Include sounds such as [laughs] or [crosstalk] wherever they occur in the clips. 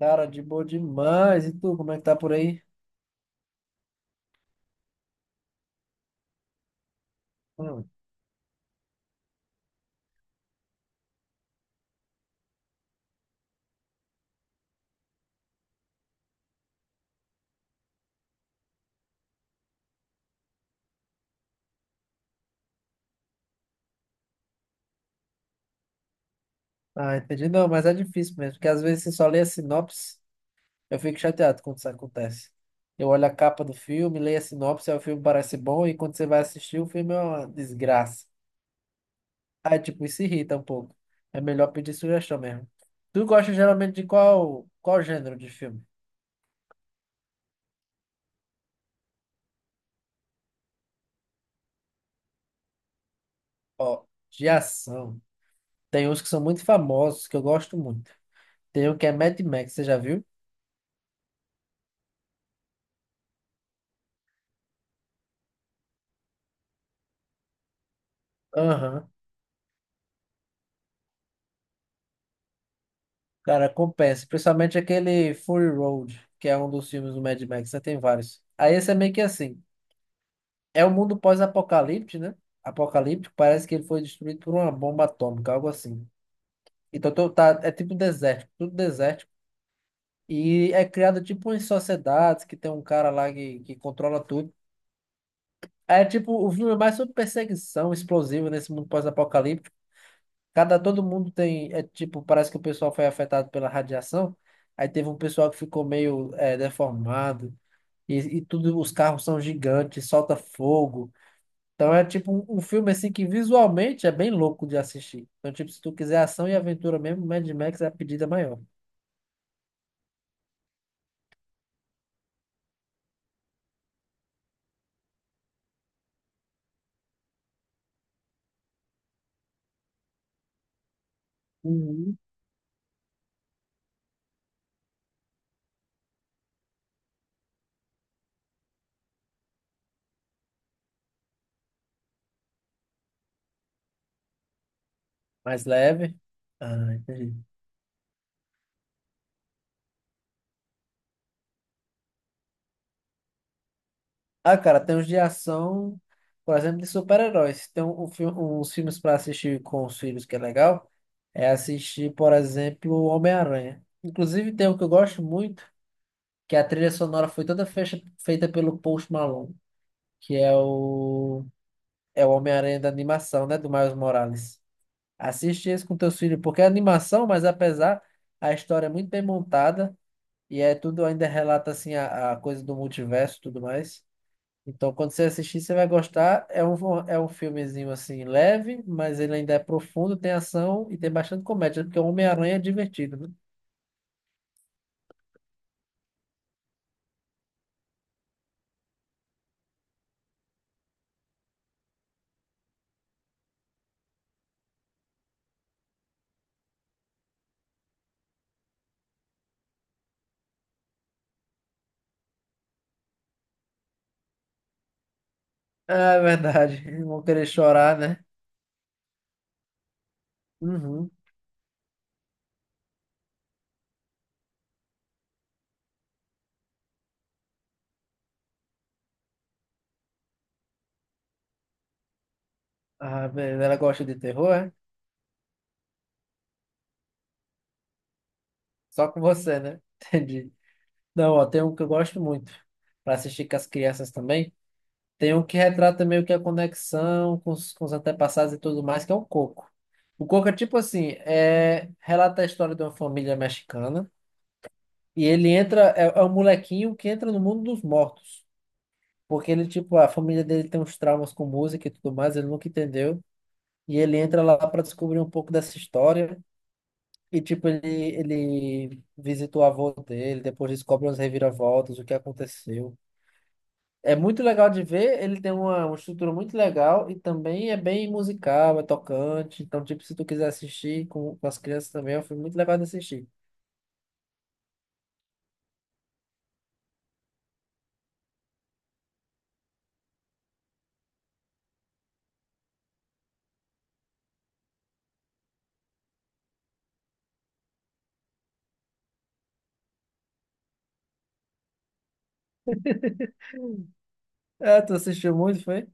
Cara, de boa demais. E tu, como é que tá por aí? Hum. Ah, entendi. Não, mas é difícil mesmo, porque às vezes você só lê a sinopse, eu fico chateado quando isso acontece. Eu olho a capa do filme, leio a sinopse, aí o filme parece bom, e quando você vai assistir, o filme é uma desgraça. Aí, tipo, isso irrita um pouco. É melhor pedir sugestão mesmo. Tu gosta geralmente de qual gênero de filme? Ó, de ação. Tem uns que são muito famosos, que eu gosto muito. Tem um que é Mad Max, você já viu? Aham. Cara, compensa. Principalmente aquele Fury Road, que é um dos filmes do Mad Max, né? Tem vários. Aí esse é meio que assim. É um mundo pós-apocalipse, né? Apocalíptico, parece que ele foi destruído por uma bomba atômica, algo assim. Então tá, é tipo desértico, tudo desértico. E é criado tipo em sociedades que tem um cara lá que controla tudo. Aí é tipo, o filme é mais sobre perseguição explosiva nesse mundo pós-apocalíptico. Cada Todo mundo tem, é tipo, parece que o pessoal foi afetado pela radiação. Aí teve um pessoal que ficou meio deformado, e tudo, os carros são gigantes, solta fogo. Então é tipo um filme assim que visualmente é bem louco de assistir. Então, tipo, se tu quiser ação e aventura mesmo, Mad Max é a pedida maior. Uhum. Mais leve. Ah, entendi. Ah, cara, tem uns de ação, por exemplo, de super-heróis. Tem uns filmes para assistir com os filhos que é legal. É assistir, por exemplo, Homem-Aranha. Inclusive, tem um que eu gosto muito, que a trilha sonora foi toda feita pelo Post Malone, que é o Homem-Aranha da animação, né, do Miles Morales. Assiste esse com teus filhos, porque é animação, mas apesar, a história é muito bem montada e é tudo ainda relata assim a coisa do multiverso e tudo mais. Então, quando você assistir, você vai gostar. É um filmezinho assim leve, mas ele ainda é profundo, tem ação e tem bastante comédia, né? Porque o Homem-Aranha é divertido, né? Ah, é verdade. [laughs] Vão querer chorar, né? Uhum. Ah, beleza. Ela gosta de terror, é? Só com você, né? [laughs] Entendi. Não, ó, tem um que eu gosto muito, para assistir com as crianças também. Tem um que retrata meio que a conexão com os antepassados e tudo mais, que é o Coco. O Coco é tipo assim, é, relata a história de uma família mexicana. E ele entra, é, é um molequinho que entra no mundo dos mortos. Porque ele, tipo, a família dele tem uns traumas com música e tudo mais, ele nunca entendeu. E ele entra lá para descobrir um pouco dessa história. E, tipo, ele visita o avô dele, depois descobre umas reviravoltas, o que aconteceu. É muito legal de ver, ele tem uma estrutura muito legal e também é bem musical, é tocante. Então, tipo, se tu quiser assistir com as crianças também, é um filme muito legal de assistir. É, tu assistiu muito, foi?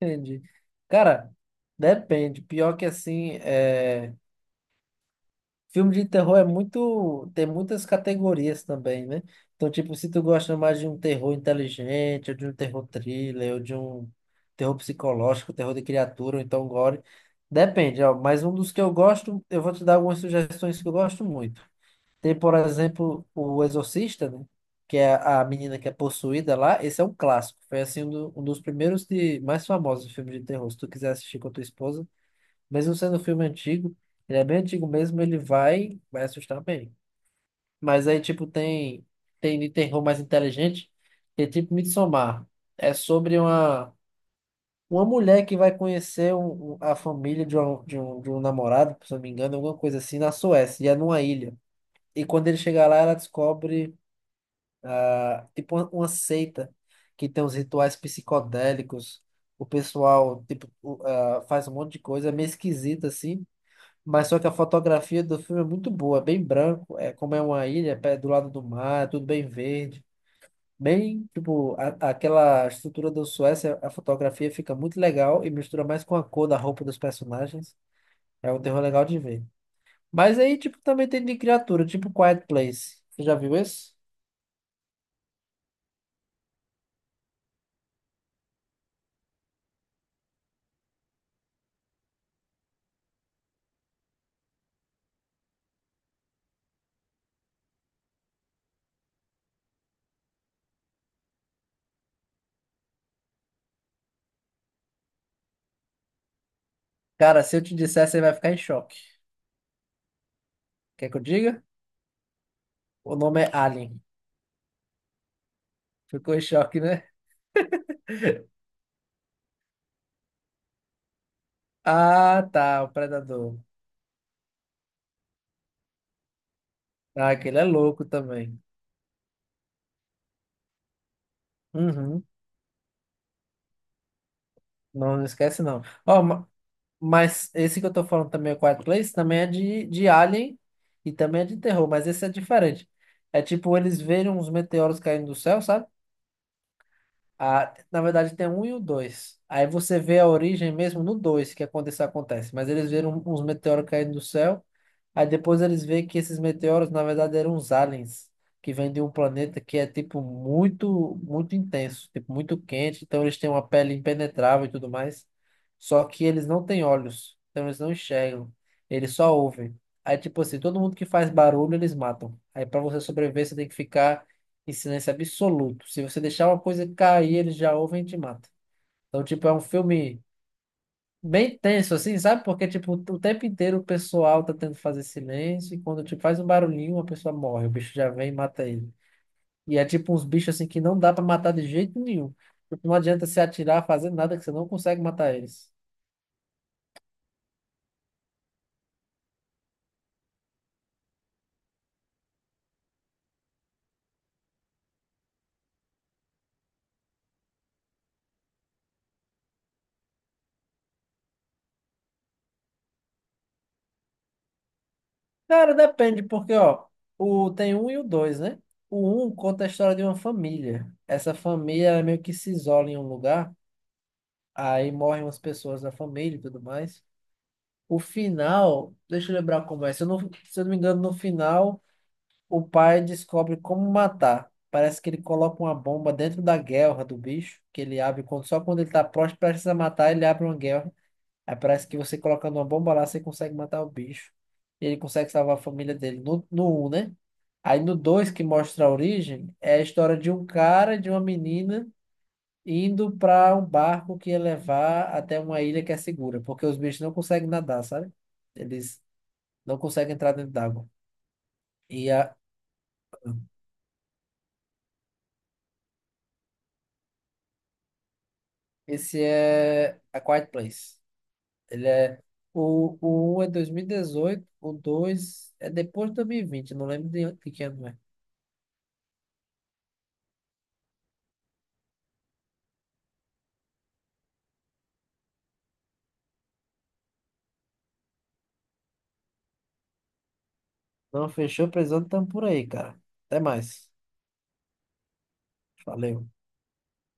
Entendi. Cara, depende. Pior que assim, é... filme de terror é muito. Tem muitas categorias também, né? Então, tipo, se tu gosta mais de um terror inteligente, ou de um terror thriller, ou de um terror psicológico, terror de criatura, ou então gore. Depende, ó. Mas um dos que eu gosto, eu vou te dar algumas sugestões que eu gosto muito. Tem, por exemplo, o Exorcista, né? Que é a menina que é possuída lá. Esse é um clássico. Foi assim um dos primeiros de mais famosos de filme de terror. Se tu quiser assistir com a tua esposa, mesmo sendo um filme antigo, ele é bem antigo mesmo, ele vai, vai assustar bem. Mas aí, tipo, tem de terror mais inteligente, que é tipo Midsommar. É sobre uma mulher que vai conhecer a família de um namorado, se eu não me engano, alguma coisa assim, na Suécia, e é numa ilha. E quando ele chegar lá, ela descobre tipo uma seita que tem os rituais psicodélicos. O pessoal tipo faz um monte de coisa, é meio esquisito assim. Mas só que a fotografia do filme é muito boa, é bem branco, é como é uma ilha, é do lado do mar, é tudo bem verde, bem tipo aquela estrutura do Suécia, a fotografia fica muito legal e mistura mais com a cor da roupa dos personagens. É um terror legal de ver. Mas aí tipo também tem de criatura, tipo Quiet Place. Você já viu esse? Cara, se eu te disser, você vai ficar em choque. Quer que eu diga? O nome é Alien. Ficou em choque, né? Ah, tá, o Predador. Ah, aquele é louco também. Uhum. Não, não esquece, não. Ó, mas esse que eu tô falando também, o Quiet Place, também é de Alien e também é de terror, mas esse é diferente. É tipo eles verem uns meteoros caindo do céu, sabe? Ah, na verdade, tem um e o dois. Aí você vê a origem mesmo no dois que acontece, acontece. Mas eles viram um, uns meteoros caindo do céu. Aí depois eles veem que esses meteoros, na verdade, eram uns aliens que vêm de um planeta que é, tipo, muito, muito intenso, tipo, muito quente. Então eles têm uma pele impenetrável e tudo mais. Só que eles não têm olhos. Então eles não enxergam. Eles só ouvem. Aí, tipo assim, todo mundo que faz barulho, eles matam. Aí, pra você sobreviver, você tem que ficar em silêncio absoluto. Se você deixar uma coisa cair, eles já ouvem e te matam. Então, tipo, é um filme bem tenso, assim, sabe? Porque, tipo, o tempo inteiro o pessoal tá tentando fazer silêncio e quando, tipo, faz um barulhinho, a pessoa morre. O bicho já vem e mata ele. E é tipo uns bichos, assim, que não dá pra matar de jeito nenhum. Tipo, não adianta se atirar, fazer nada que você não consegue matar eles. Cara, depende, porque, ó, tem um e o dois, né? O um conta a história de uma família. Essa família ela meio que se isola em um lugar. Aí morrem umas pessoas da família e tudo mais. O final, deixa eu lembrar como é. Se eu não me engano, no final, o pai descobre como matar. Parece que ele coloca uma bomba dentro da guelra do bicho, que ele abre quando, só quando ele tá próximo, precisa matar, ele abre uma guelra. Aí parece que você colocando uma bomba lá, você consegue matar o bicho. E ele consegue salvar a família dele no um, né? Aí no dois que mostra a origem, é a história de um cara, e de uma menina indo para um barco que ia levar até uma ilha que é segura, porque os bichos não conseguem nadar, sabe? Eles não conseguem entrar dentro d'água. E a, esse é A Quiet Place. Ele é o 1 é 2018, o 2 é depois de 2020, não lembro de que ano é. Não fechou, precisando, estamos por aí, cara. Até mais. Valeu.